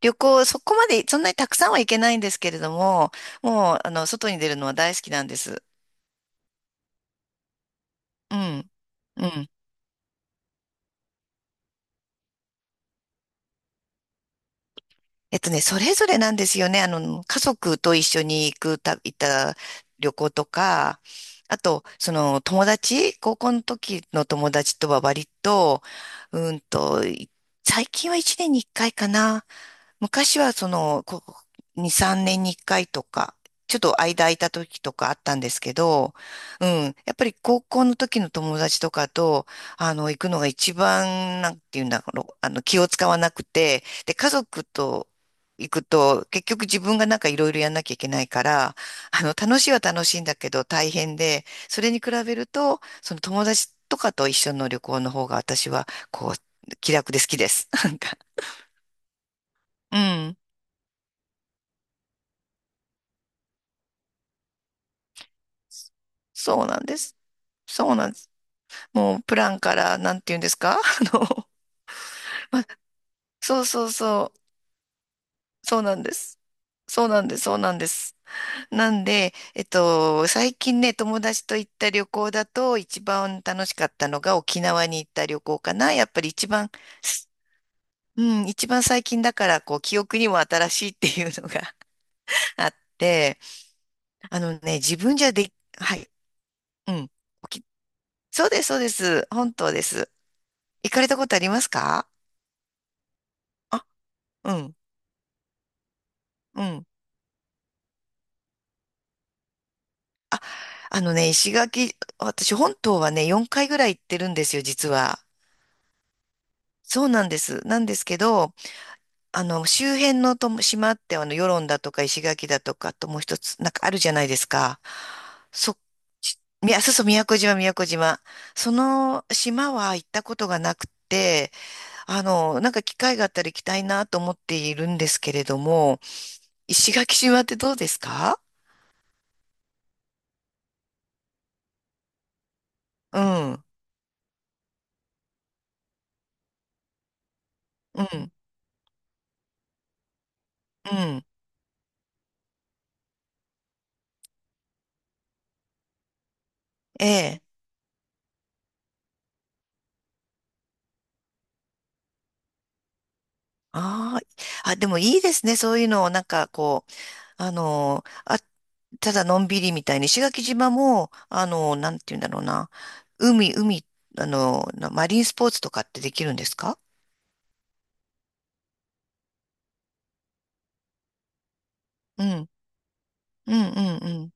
旅行、そこまで、そんなにたくさんは行けないんですけれども、もう、外に出るのは大好きなんです。うん、うん。それぞれなんですよね。家族と一緒に行った旅行とか、あと、友達、高校の時の友達とは割と、うんと、い最近は一年に一回かいかな。昔はその、ここ2、3年に1回とか、ちょっと間空いた時とかあったんですけど、うん、やっぱり高校の時の友達とかと、行くのが一番、なんていうんだろう、気を使わなくて、で、家族と行くと、結局自分がなんかいろいろやんなきゃいけないから、楽しいは楽しいんだけど大変で、それに比べると、その友達とかと一緒の旅行の方が私は、こう、気楽で好きです。なんか、うん。そうなんです。そうなんです。もうプランからなんて言うんですか？ そうそうそう、そうなんです。そうなんです、そうなんです。なんで、最近ね、友達と行った旅行だと一番楽しかったのが沖縄に行った旅行かな。やっぱり一番、すうん、一番最近だから、こう、記憶にも新しいっていうのが あって、自分じゃで、はい、うん。沖そうです、そうです。本当です。行かれたことありますか？うん。うん。私本島はね、4回ぐらい行ってるんですよ、実は。そうなんです。なんですけど、周辺のとも島って、与論だとか石垣だとか、あともう一つ、なんかあるじゃないですか。そ、みやそうそう、宮古島、宮古島。その島は行ったことがなくて、なんか機会があったら行きたいなと思っているんですけれども、石垣島ってどうですか？うん、うん、うん。ええ、ああ、あ、でもいいですね。そういうのを、なんかこう、あ、ただのんびりみたいに、石垣島も、なんて言うんだろうな。海、マリンスポーツとかってできるんですか？うん、うん、うん、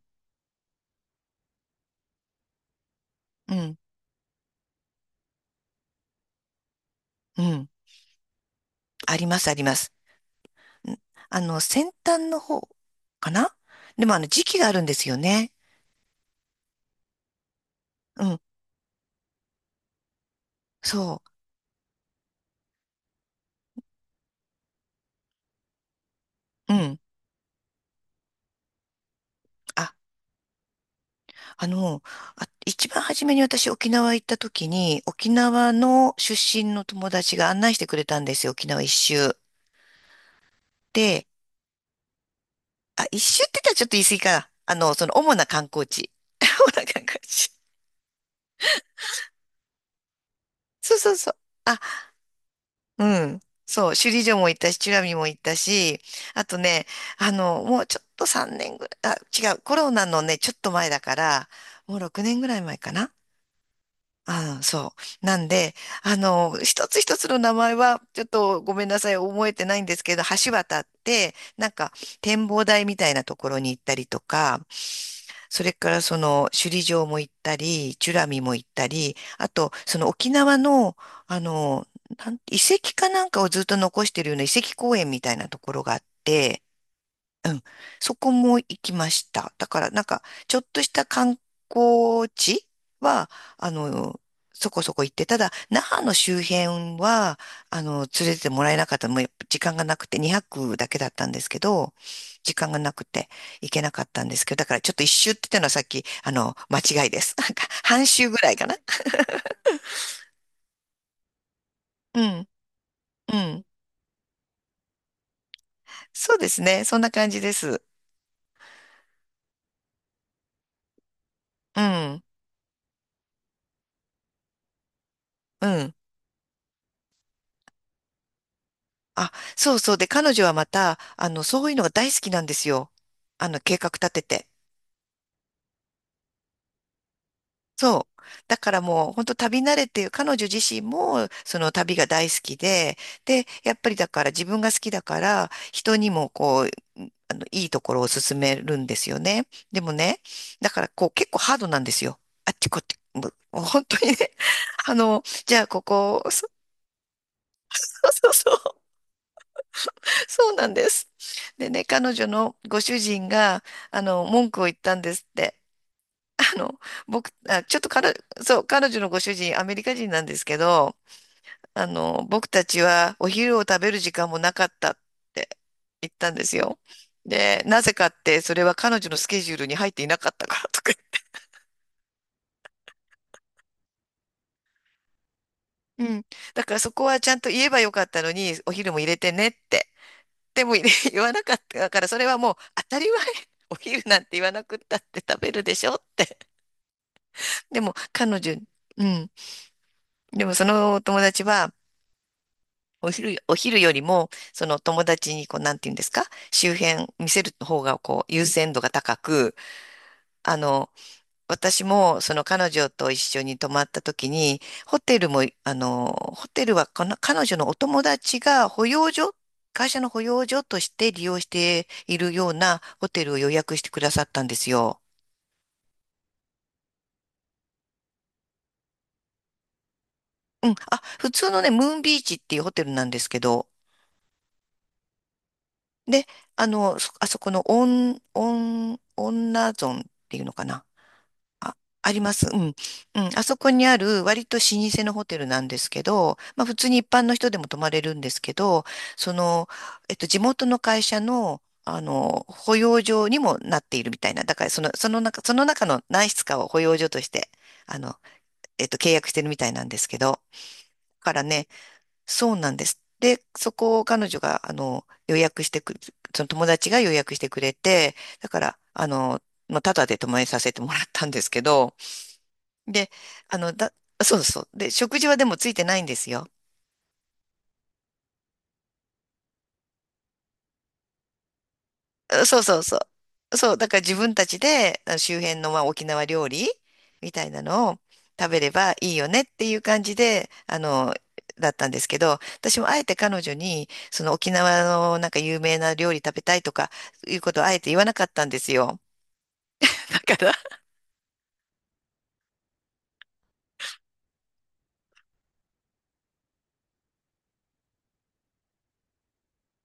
うん、うん、うん。あります、あります。ん先端の方かな。でも、時期があるんですよね。うん、そう。うん。あ、あの、一番初めに私沖縄行った時に、沖縄の出身の友達が案内してくれたんですよ、沖縄一周。で、あ、一周って言ったらちょっと言い過ぎかな。その主な観光地。主な観光地。そうそうそう。あ、うん。そう、首里城も行ったし、美ら海も行ったし、あとね、もうちょっと3年ぐらい、あ、違う、コロナのね、ちょっと前だから、もう6年ぐらい前かな。ああ、そう。なんで、一つ一つの名前は、ちょっとごめんなさい、覚えてないんですけど、橋渡って、なんか、展望台みたいなところに行ったりとか、それから首里城も行ったり、チュラミも行ったり、あと、その沖縄の、あの、遺跡かなんかをずっと残してるような遺跡公園みたいなところがあって、うん。そこも行きました。だからなんか、ちょっとした観光地は、あの、そこそこ行って、ただ、那覇の周辺は、連れてってもらえなかった。もうやっぱ時間がなくて、2泊だけだったんですけど、時間がなくて行けなかったんですけど、だからちょっと一周って言ったのはさっき、間違いです。なんか、半周ぐらいかな。うん、うん。そうですね。そんな感じです。うん、うん。あ、そうそう。で、彼女はまた、そういうのが大好きなんですよ。計画立てて。そう。だからもう、本当旅慣れてる、彼女自身も、その旅が大好きで、で、やっぱりだから自分が好きだから、人にもこう、いいところを勧めるんですよね。でもね、だからこう、結構ハードなんですよ。あっちこっち、もうもう本当にね、あの、じゃあここ、そうそうそう、そうなんです。でね、彼女のご主人が、文句を言ったんですって。あの、僕、あ、ちょっと彼、そう、彼女のご主人、アメリカ人なんですけど、僕たちはお昼を食べる時間もなかったって言ったんですよ。で、なぜかって、それは彼女のスケジュールに入っていなかったからとか。うん。だからそこはちゃんと言えばよかったのに、お昼も入れてねって。でも言わなかったから、それはもう当たり前。お昼なんて言わなくったって食べるでしょって。でも、彼女、うん。でも、そのお友達は、お昼よりも、その友達に、こう、なんて言うんですか、周辺見せる方が、こう、優先度が高く、あの、私も、その彼女と一緒に泊まった時に、ホテルは彼女のお友達が保養所、会社の保養所として利用しているようなホテルを予約してくださったんですよ。うん。あ、普通のね、ムーンビーチっていうホテルなんですけど、で、あそこのオン、女ゾンっていうのかな。あ、あります。うん。うん。あそこにある割と老舗のホテルなんですけど、まあ普通に一般の人でも泊まれるんですけど、その、地元の会社の、保養所にもなっているみたいな。だからその、その中、その中の何室かを保養所として、あの、契約してるみたいなんですけど。だからね、そうなんです。で、そこを彼女が、あの、予約してく、その友達が予約してくれて、だから、まあ、タダで泊まりさせてもらったんですけど、で、あの、だ、そうそう。で、食事はでもついてないんですよ。そうそうそう。そう、だから自分たちであの周辺のまあ沖縄料理みたいなのを食べればいいよねっていう感じで、だったんですけど、私もあえて彼女に、その沖縄のなんか有名な料理食べたいとかいうことをあえて言わなかったんですよ。だから、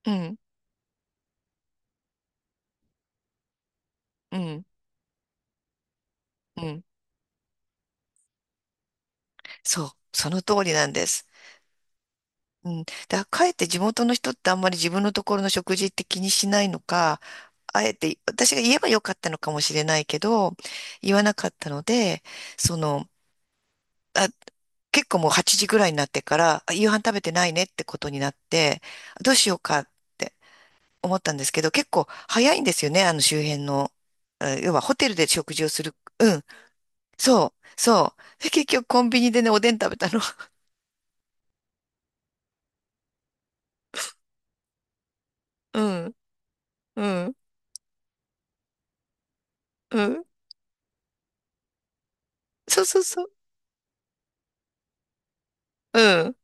うん、うん、うん。そう、その通りなんです。うん。だかえって地元の人ってあんまり自分のところの食事って気にしないのか、あえて私が言えばよかったのかもしれないけど、言わなかったので、その、あ、結構もう8時ぐらいになってから、夕飯食べてないねってことになって、どうしようかって思ったんですけど、結構早いんですよね、あの周辺の。要はホテルで食事をする。うん。そう、そう。で結局コンビニでね、おでん食べたの。うん、うん、うん。そうそうそう。うん。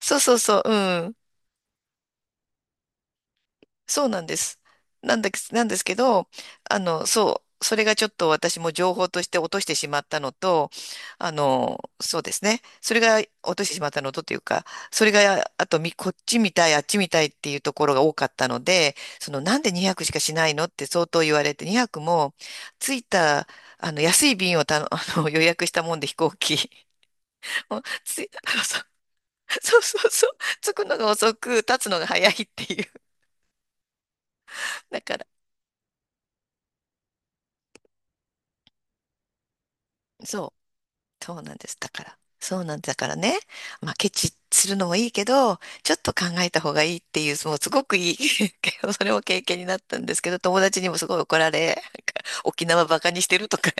そうそうそう、うん。そうなんです。なんですけど、そう、それがちょっと私も情報として落としてしまったのと、そうですね。それが落としてしまったのとというか、それが、あと、こっちみたい、あっちみたいっていうところが多かったので、なんで200しかしないのって相当言われて、200も、着いた、あの、安い便をたの、あの、予約したもんで飛行機。もうつい、そうそうそうそう、着くのが遅く、立つのが早いっていう。だからそそうなんです。だから、そうなんだからね、まあ、ケチするのもいいけど、ちょっと考えた方がいいっていう、もうすごくいい それも経験になったんですけど、友達にもすごい怒られ、なんか沖縄バカにしてるとか